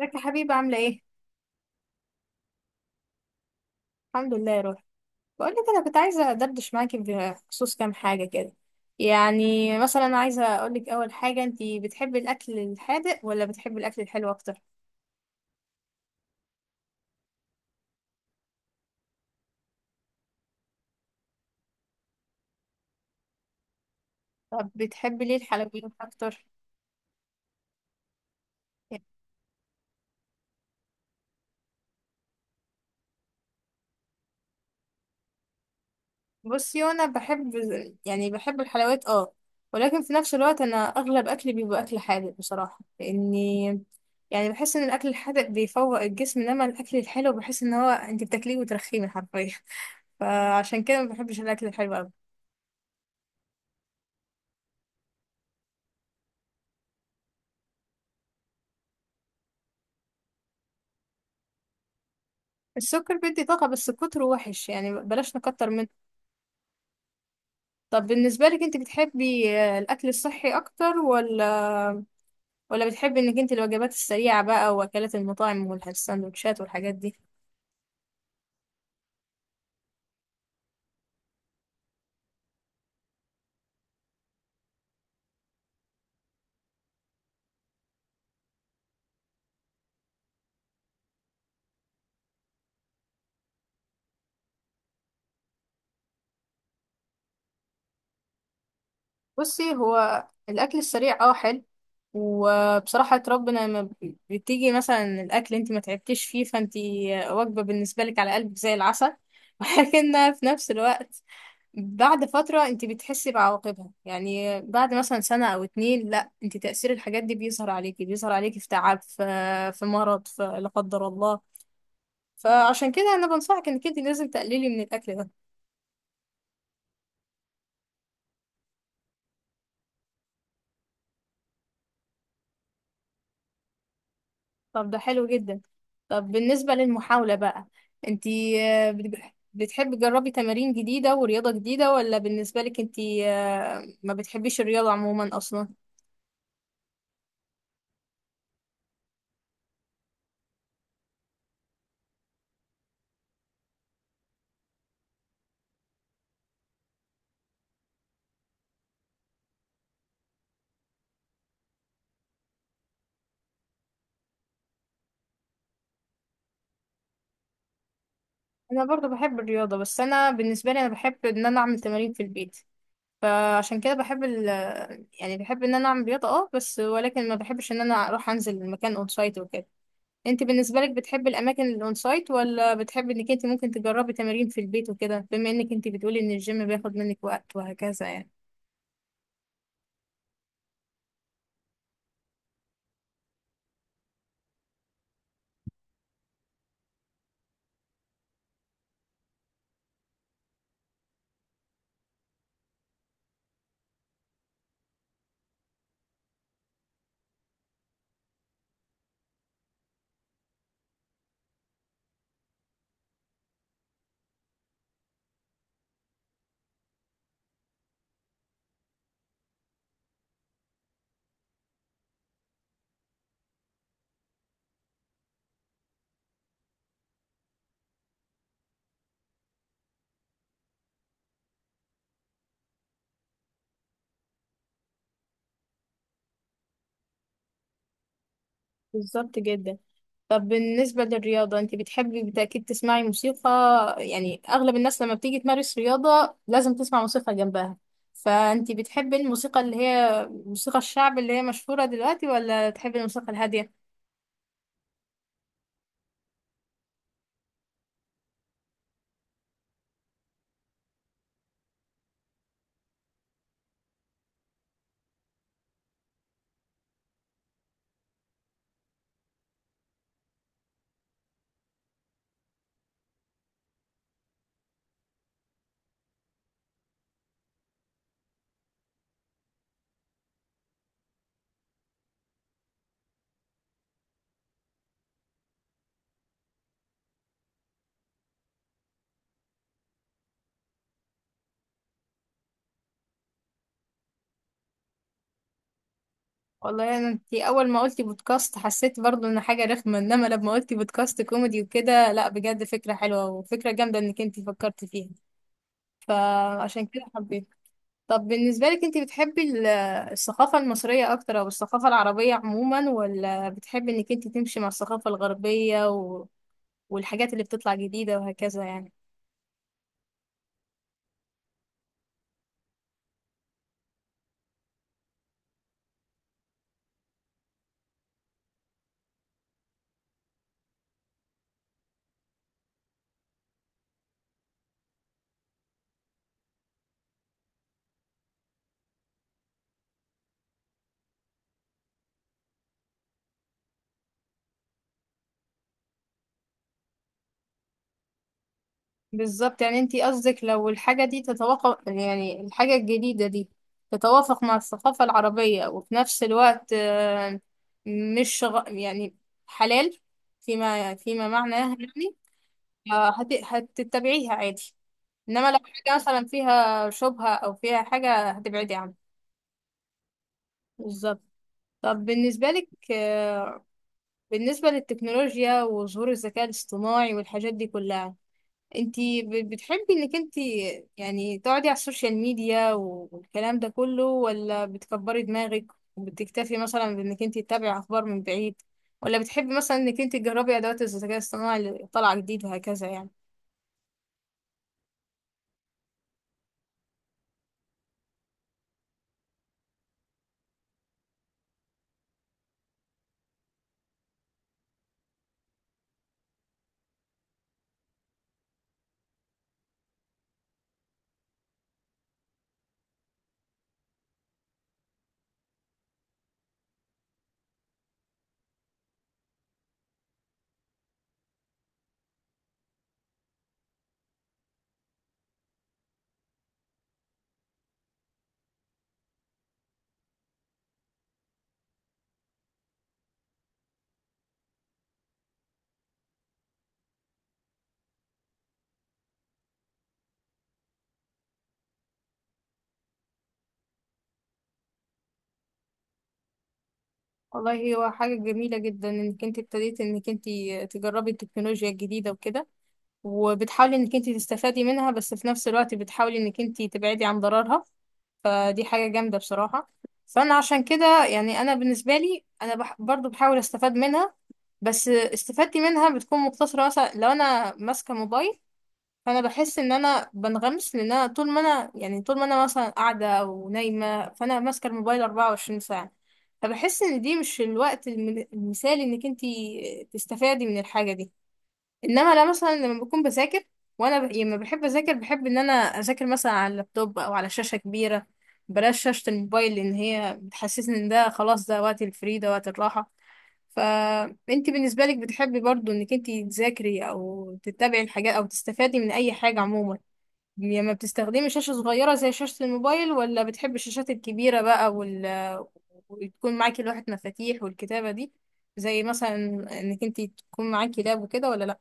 ازيك يا حبيبي عاملة ايه؟ الحمد لله يا روحي. بقول لك انا كنت عايزة ادردش معاكي بخصوص كام حاجة كده. يعني مثلا عايزة اقول لك اول حاجة، انتي بتحبي الاكل الحادق ولا بتحبي الاكل الحلو اكتر؟ طب بتحبي ليه الحلويات اكتر؟ يعني بصي انا بحب يعني بحب الحلويات اه، ولكن في نفس الوقت انا اغلب اكلي بيبقى اكل حادق بصراحة لاني يعني بحس ان الاكل الحادق بيفوق الجسم، انما الاكل الحلو بحس ان هو انتي بتاكليه وترخيه حرفيا. فعشان كده ما بحبش الاكل الحلو قوي. السكر بيدي طاقة بس كتره وحش، يعني بلاش نكتر منه. طب بالنسبة لك انت بتحبي الأكل الصحي أكتر، ولا بتحبي انك انت الوجبات السريعة بقى وأكلات المطاعم والسندوتشات والحاجات دي؟ بصي هو الأكل السريع اه حلو، وبصراحة ربنا لما بتيجي مثلا الأكل انت ما تعبتيش فيه، فانت وجبة بالنسبة لك على قلبك زي العسل، ولكن في نفس الوقت بعد فترة انت بتحسي بعواقبها، يعني بعد مثلا سنة او اتنين لا انت تأثير الحاجات دي بيظهر عليكي في تعب، في مرض، في لا قدر الله. فعشان كده انا بنصحك انك انت لازم تقللي من الاكل ده. طب ده حلو جدا. طب بالنسبة للمحاولة بقى، انت آه، بت- بتحبي تجربي تمارين جديدة ورياضة جديدة، ولا بالنسبة لك انت ما بتحبيش الرياضة عموما اصلا؟ انا برضو بحب الرياضة، بس انا بالنسبة لي انا بحب ان انا اعمل تمارين في البيت. فعشان كده بحب يعني بحب ان انا اعمل رياضة اه، بس ولكن ما بحبش ان انا اروح انزل المكان اون سايت وكده. انت بالنسبة لك بتحب الاماكن الاون سايت، ولا بتحب انك انت ممكن تجربي تمارين في البيت وكده، بما انك انت بتقولي ان الجيم بياخد منك وقت وهكذا يعني؟ بالظبط جدا. طب بالنسبة للرياضة، انت بتحبي بالتأكيد تسمعي موسيقى، يعني اغلب الناس لما بتيجي تمارس رياضة لازم تسمع موسيقى جنبها. فانت بتحبي الموسيقى اللي هي موسيقى الشعب اللي هي مشهورة دلوقتي، ولا تحبي الموسيقى الهادية؟ والله انا، انت اول ما قلتي بودكاست حسيت برضو ان حاجه رخمه، انما لما قلتي بودكاست كوميدي وكده، لا بجد فكره حلوه وفكره جامده انك انت فكرتي فيها. فعشان كده حبيت. طب بالنسبه لك، انت بتحبي الثقافه المصريه اكتر، او الثقافه العربيه عموما، ولا بتحبي انك انت تمشي مع الثقافه الغربيه والحاجات اللي بتطلع جديده وهكذا يعني؟ بالظبط، يعني انتي قصدك لو الحاجة دي تتوافق، يعني الحاجة الجديدة دي تتوافق مع الثقافة العربية، وفي نفس الوقت مش يعني حلال، فيما معناه يعني. هتتبعيها عادي، انما لو حاجة مثلا فيها شبهة او فيها حاجة هتبعدي عنها. بالظبط. طب بالنسبة لك بالنسبة للتكنولوجيا وظهور الذكاء الاصطناعي والحاجات دي كلها، انتي بتحبي انك انتي يعني تقعدي على السوشيال ميديا والكلام ده كله، ولا بتكبري دماغك وبتكتفي مثلا بانك انتي تتابعي اخبار من بعيد، ولا بتحبي مثلا انك انتي تجربي ادوات الذكاء الصناعي اللي طالعة جديد وهكذا يعني؟ والله هو حاجة جميلة جدا انك انتي ابتديتي انك انتي تجربي التكنولوجيا الجديدة وكده وبتحاولي انك انتي تستفادي منها، بس في نفس الوقت بتحاولي انك انتي تبعدي عن ضررها. فدي حاجة جامدة بصراحة. فأنا عشان كده يعني أنا بالنسبة لي أنا برضو بحاول أستفاد منها. بس استفادتي منها بتكون مقتصرة، مثلا لو أنا ماسكة موبايل فأنا بحس إن أنا بنغمس، لأن أنا طول ما أنا مثلا قاعدة أو نايمة فأنا ماسكة الموبايل 24 ساعة. فبحس إن دي مش الوقت المثالي إنك انتي تستفادي من الحاجة دي. انما لا، مثلا لما بكون بذاكر، وانا يعني لما بحب اذاكر بحب ان انا اذاكر مثلا على اللابتوب او على شاشه كبيره. بلاش شاشه الموبايل، لان هي بتحسسني ان ده خلاص ده وقت الفري ده وقت الراحه. فانت بالنسبه لك بتحبي برضو انك انت تذاكري او تتابعي الحاجات او تستفادي من اي حاجه عموما لما بتستخدمي شاشه صغيره زي شاشه الموبايل، ولا بتحبي الشاشات الكبيره بقى وتكون معاكي لوحه مفاتيح والكتابه دي، زي مثلا انك انت تكون معاكي لاب وكده، ولا لا؟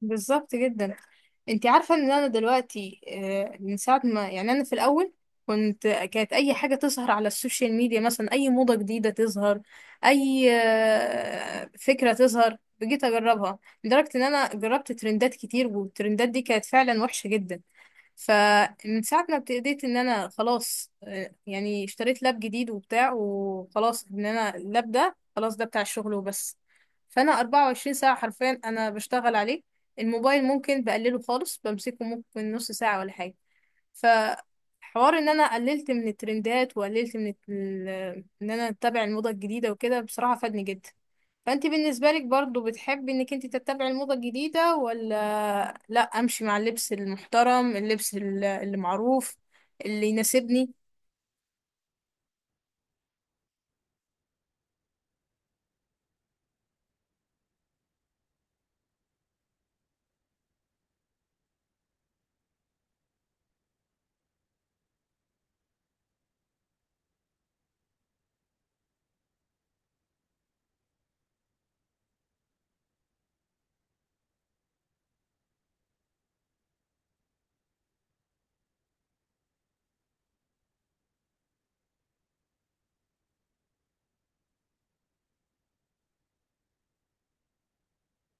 بالظبط جدا. انت عارفه ان انا دلوقتي من ساعه ما، يعني انا في الاول كانت اي حاجه تظهر على السوشيال ميديا مثلا اي موضه جديده تظهر، اي فكره تظهر بجيت اجربها. لدرجه ان انا جربت ترندات كتير، والترندات دي كانت فعلا وحشه جدا. فمن ساعة ما ابتديت ان انا خلاص يعني اشتريت لاب جديد وبتاع، وخلاص ان انا اللاب ده خلاص ده بتاع الشغل وبس. فانا 24 ساعة حرفيا انا بشتغل عليه. الموبايل ممكن بقلله خالص، بمسكه ممكن نص ساعة ولا حاجة. فحوار ان انا قللت من الترندات وقللت من ان انا اتبع الموضة الجديدة وكده بصراحة فادني جدا. فانت بالنسبة لك برضو بتحبي انك انت تتبعي الموضة الجديدة، ولا لا، امشي مع اللبس المحترم، اللبس اللي معروف اللي يناسبني؟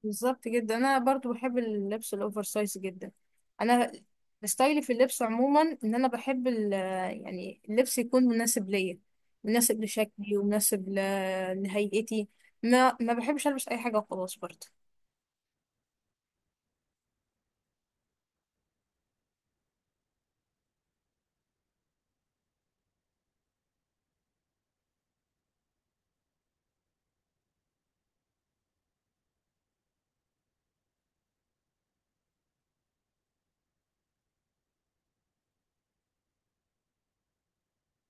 بالظبط جدا، انا برضو بحب اللبس الاوفر سايز جدا. انا ستايلي في اللبس عموما ان انا بحب يعني اللبس يكون مناسب ليا، مناسب لشكلي ومناسب لهيئتي. ما بحبش البس اي حاجة وخلاص برضو.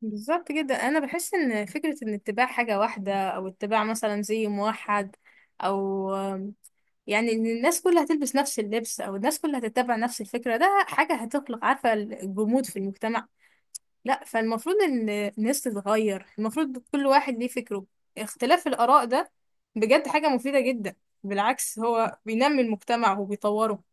بالظبط جدا. انا بحس ان فكره ان اتباع حاجه واحده، او اتباع مثلا زي موحد، او يعني ان الناس كلها هتلبس نفس اللبس، او الناس كلها هتتبع نفس الفكره، ده حاجه هتخلق عارفه الجمود في المجتمع. لا، فالمفروض ان الناس تتغير، المفروض كل واحد ليه فكره. اختلاف الاراء ده بجد حاجه مفيده جدا، بالعكس هو بينمي المجتمع وبيطوره.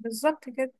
بالظبط كده.